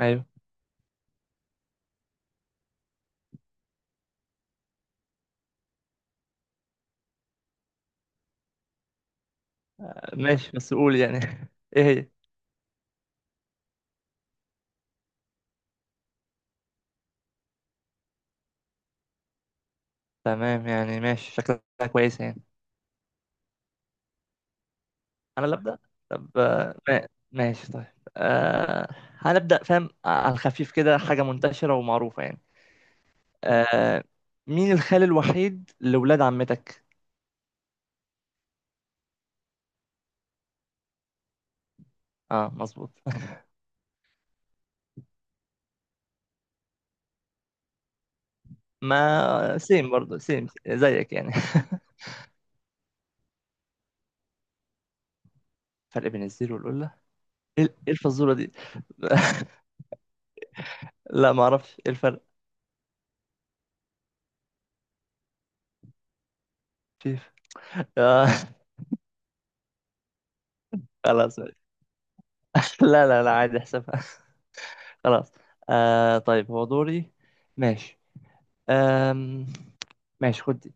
ايوه. ماشي، بس قول يعني. ايه هي؟ تمام، يعني ماشي شكلها كويسه يعني. انا اللي ابدا. طب ماشي طيب. أه. هنبدا، فاهم؟ على الخفيف كده، حاجه منتشره ومعروفه يعني. أه. مين الخال الوحيد لولاد عمتك؟ اه، مظبوط. ما سيم، برضه سيم زيك يعني. فرق بين الزيرو والقله. إيه الفزوره دي؟ لا، ما اعرفش ايه الفرق. في. آه. خلاص ماشي. لا، لا، لا، عادي احسبها. خلاص. آه، طيب، هو دوري. ماشي. آم ماشي، خد دي.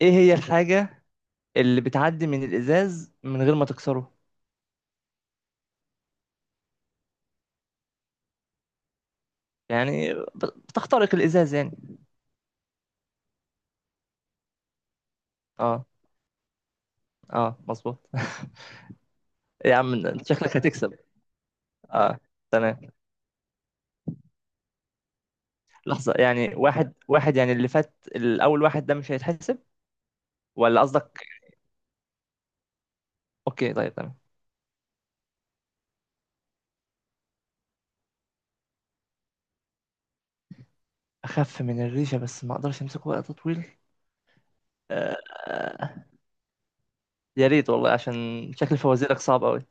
ايه هي الحاجة اللي بتعدي من الإزاز من غير ما تكسره؟ يعني بتخترق الإزاز يعني. اه. اه، مظبوط. يا عم، انت شكلك هتكسب. اه. تمام. لحظة، يعني واحد واحد، يعني اللي فات الأول واحد ده مش هيتحسب؟ ولا قصدك؟ اوكي، طيب، تمام. أخف من الريشة بس ما أقدرش أمسكه وقت طويل؟ آه. آه، يا ريت والله، عشان شكل فوازيرك صعب أوي.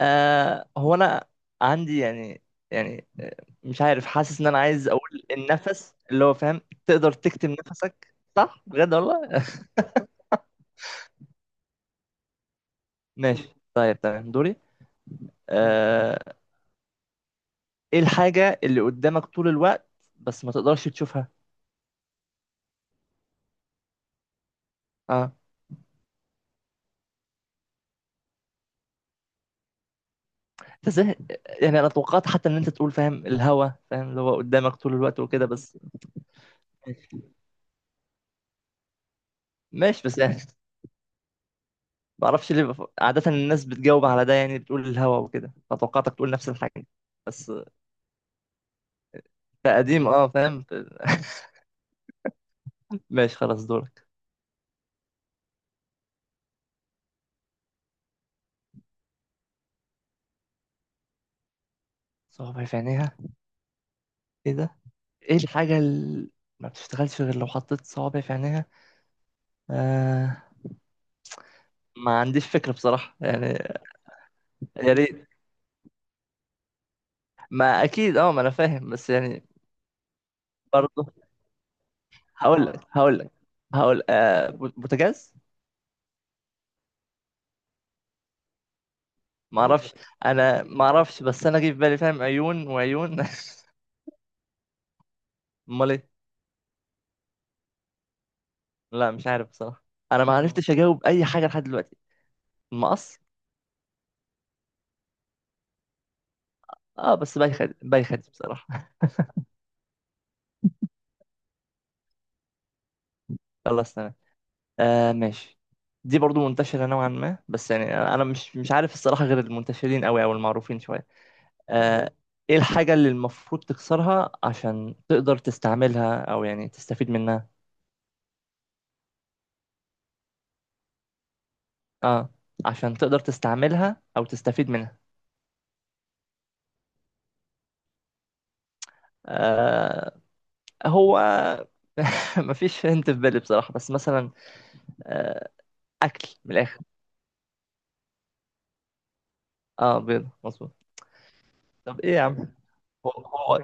آه، هو انا عندي، يعني مش عارف، حاسس ان انا عايز اقول النفس، اللي هو فاهم. تقدر تكتم نفسك؟ صح، بجد والله. ماشي، طيب، تمام، دوري. آه. ايه الحاجة اللي قدامك طول الوقت بس ما تقدرش تشوفها؟ اه. انت ازاي؟ يعني انا توقعت حتى ان انت تقول، فاهم، الهوا، فاهم اللي هو قدامك طول الوقت وكده بس. ماشي. ماشي، بس يعني ما اعرفش ليه عادة الناس بتجاوب على ده، يعني بتقول الهوا وكده، فتوقعتك تقول نفس الحاجة. بس لا، قديم، اه، فاهم. ماشي، خلاص، دورك. صوابع في عينيها؟ ايه ده؟ ايه الحاجة اللي ما بتشتغلش غير لو حطيت صوابع في عينيها؟ آه. ما عنديش فكرة بصراحة يعني. يا ريت. ما اكيد، اه، ما انا فاهم بس يعني. برضه. هقول لك. هقول بوتاجاز. ما اعرفش. انا ما اعرفش، بس انا جه في بالي، فاهم، عيون وعيون. امال ايه؟ لا، مش عارف بصراحة. انا ما عرفتش اجاوب اي حاجة لحد دلوقتي. المقص. اه، بس بايخد بايخد بصراحة. خلاص، تمام. آه، ماشي. دي برضو منتشرة نوعا ما، بس يعني أنا مش عارف الصراحة، غير المنتشرين أوي أو المعروفين شوية. آه. إيه الحاجة اللي المفروض تكسرها عشان تقدر تستعملها أو يعني تستفيد منها؟ آه، عشان تقدر تستعملها أو تستفيد منها. آه. هو مفيش هنت في بالي بصراحة، بس مثلا. آه، أكل من الآخر. آه، بيض مظبوط. طب إيه يا عم؟ هو هو.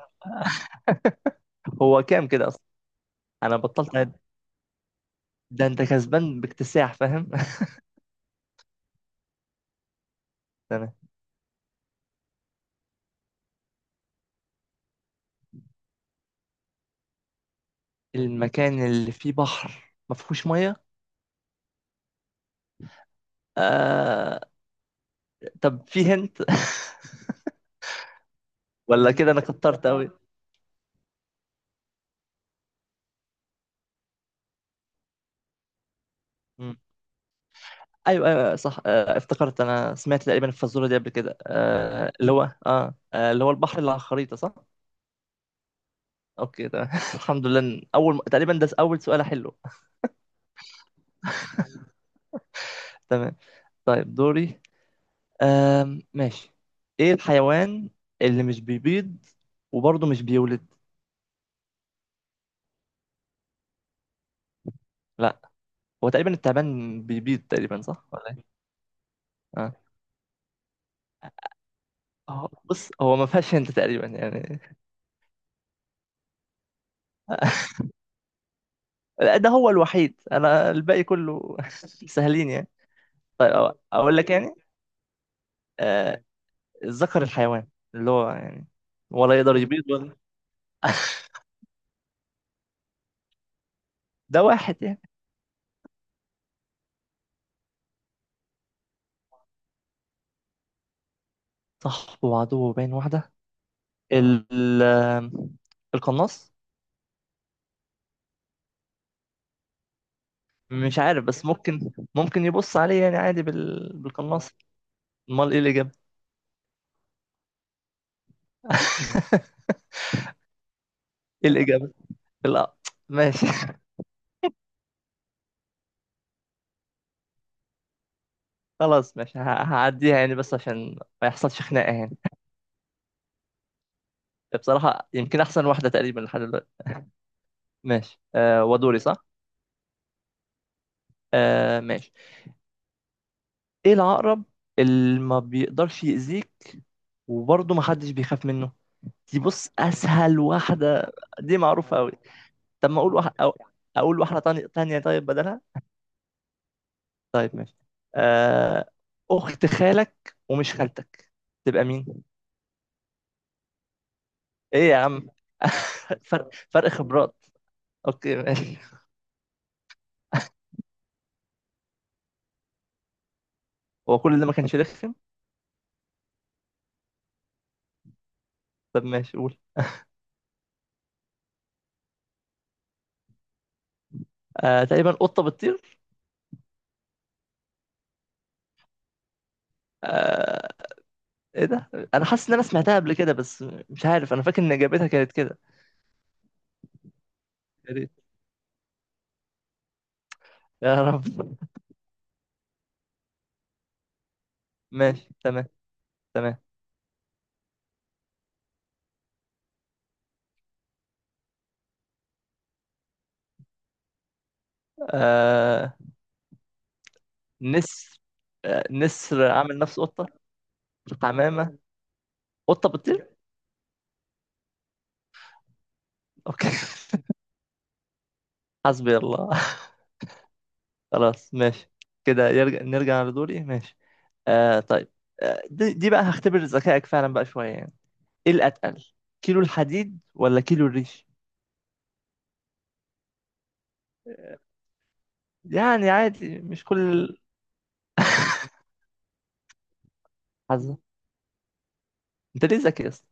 هو كام كده أصلا؟ أنا بطلت أعد. ده أنت كسبان باكتساح، فاهم. المكان اللي فيه بحر ما فيهوش ميه؟ آه... طب فيه هنت؟ ولا كده انا كترت قوي؟ مم. ايوه، ايوه، صح. افتكرت انا سمعت تقريبا الفزوره دي قبل كده، اللي هو اللي هو البحر اللي على الخريطه، صح. اوكي، تمام. الحمد لله إن اول تقريبا ده اول سؤال حلو. تمام. طيب، دوري. ماشي. ايه الحيوان اللي مش بيبيض وبرضه مش بيولد؟ لا، هو تقريبا التعبان بيبيض تقريبا، صح ولا إيه؟ آه. اه، بص هو ما فيهاش هنت تقريبا يعني. لا، ده هو الوحيد، انا الباقي كله سهلين يعني. طيب اقول لك يعني. آه، الذكر الحيوان اللي هو يعني ولا يقدر يبيض ولا. ده واحد يعني. صاحبه وعدوه بين واحدة؟ ال ال- القناص. مش عارف، بس ممكن يبص عليه يعني عادي بالقناص. امال ايه الإجابة؟ ايه الإجابة؟ لا. ماشي. خلاص، ماشي، هعديها يعني، بس عشان ما يحصلش خناقة يعني. بصراحة يمكن أحسن واحدة تقريبا لحد دلوقتي. ماشي، آه ودوري، صح؟ آه، ماشي. إيه العقرب اللي ما بيقدرش يأذيك وبرضه ما حدش بيخاف منه؟ دي بص أسهل واحدة. دي معروفة أوي. طب ما أقول واحد، أو أقول واحدة تانية تانية، طيب بدلها؟ طيب ماشي. آه، أخت خالك ومش خالتك تبقى مين؟ إيه يا عم؟ فرق، فرق خبرات. أوكي، ماشي. هو كل ده ما كانش رخم؟ طب ماشي، قول. آه، تقريبا قطة بتطير. آه، ايه ده؟ انا حاسس ان انا سمعتها قبل كده، بس مش عارف، انا فاكر ان اجابتها كانت كده. يا ريت. يا رب. ماشي، تمام، تمام. آه... نسر. نسر عامل نفسه قطة. الحمامة. قطة بتطير. اوكي. حسبي الله. خلاص، ماشي. كده يرجع نرجع لدوري، ماشي. طيب. دي بقى هختبر ذكائك فعلا بقى شوية يعني. ايه الاتقل، كيلو الحديد ولا كيلو الريش؟ يعني عادي، مش كل. حظ. انت ليه ذكي يا اسطى؟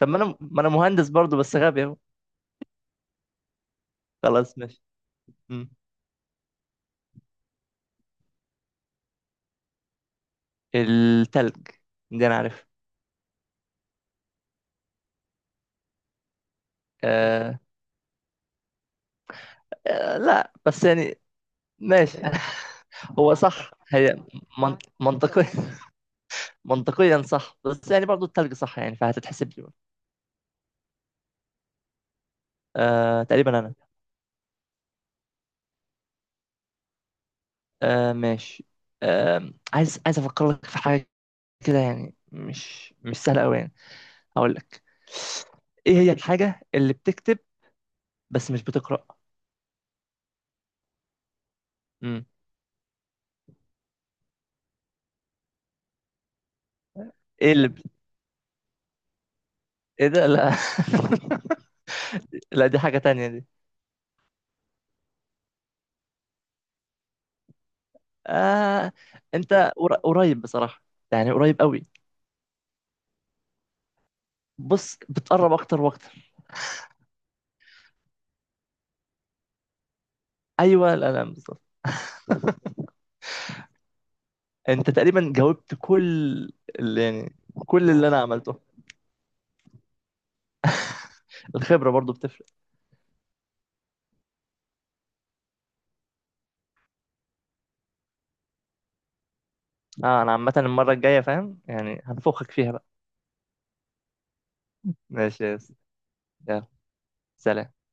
طب ما انا مهندس برضو بس غبي اهو. خلاص، ماشي. مم. التلج. دي انا عارف. آه... آه، لا بس يعني. ماشي. هو صح هي. منطقيا. منطقيا صح، بس يعني برضو التلج صح يعني فهتتحسب لي برضو. تقريبا انا. ماشي. عايز افكر لك في حاجة كده، يعني مش سهلة قوي يعني. هقول لك. ايه هي الحاجة اللي بتكتب بس مش بتقرأ؟ مم. ايه اللي ايه ده، لا. لا، دي حاجة تانية دي. آه. انت قريب بصراحة، يعني قريب قوي. بص بتقرب اكتر واكتر. ايوه، الالم بالظبط. انت تقريبا جاوبت كل اللي يعني كل اللي انا عملته. الخبرة برضو بتفرق. اه، انا عامة المرة الجاية، فاهم، يعني هنفخك فيها بقى. ماشي يا يس. يلا سلام.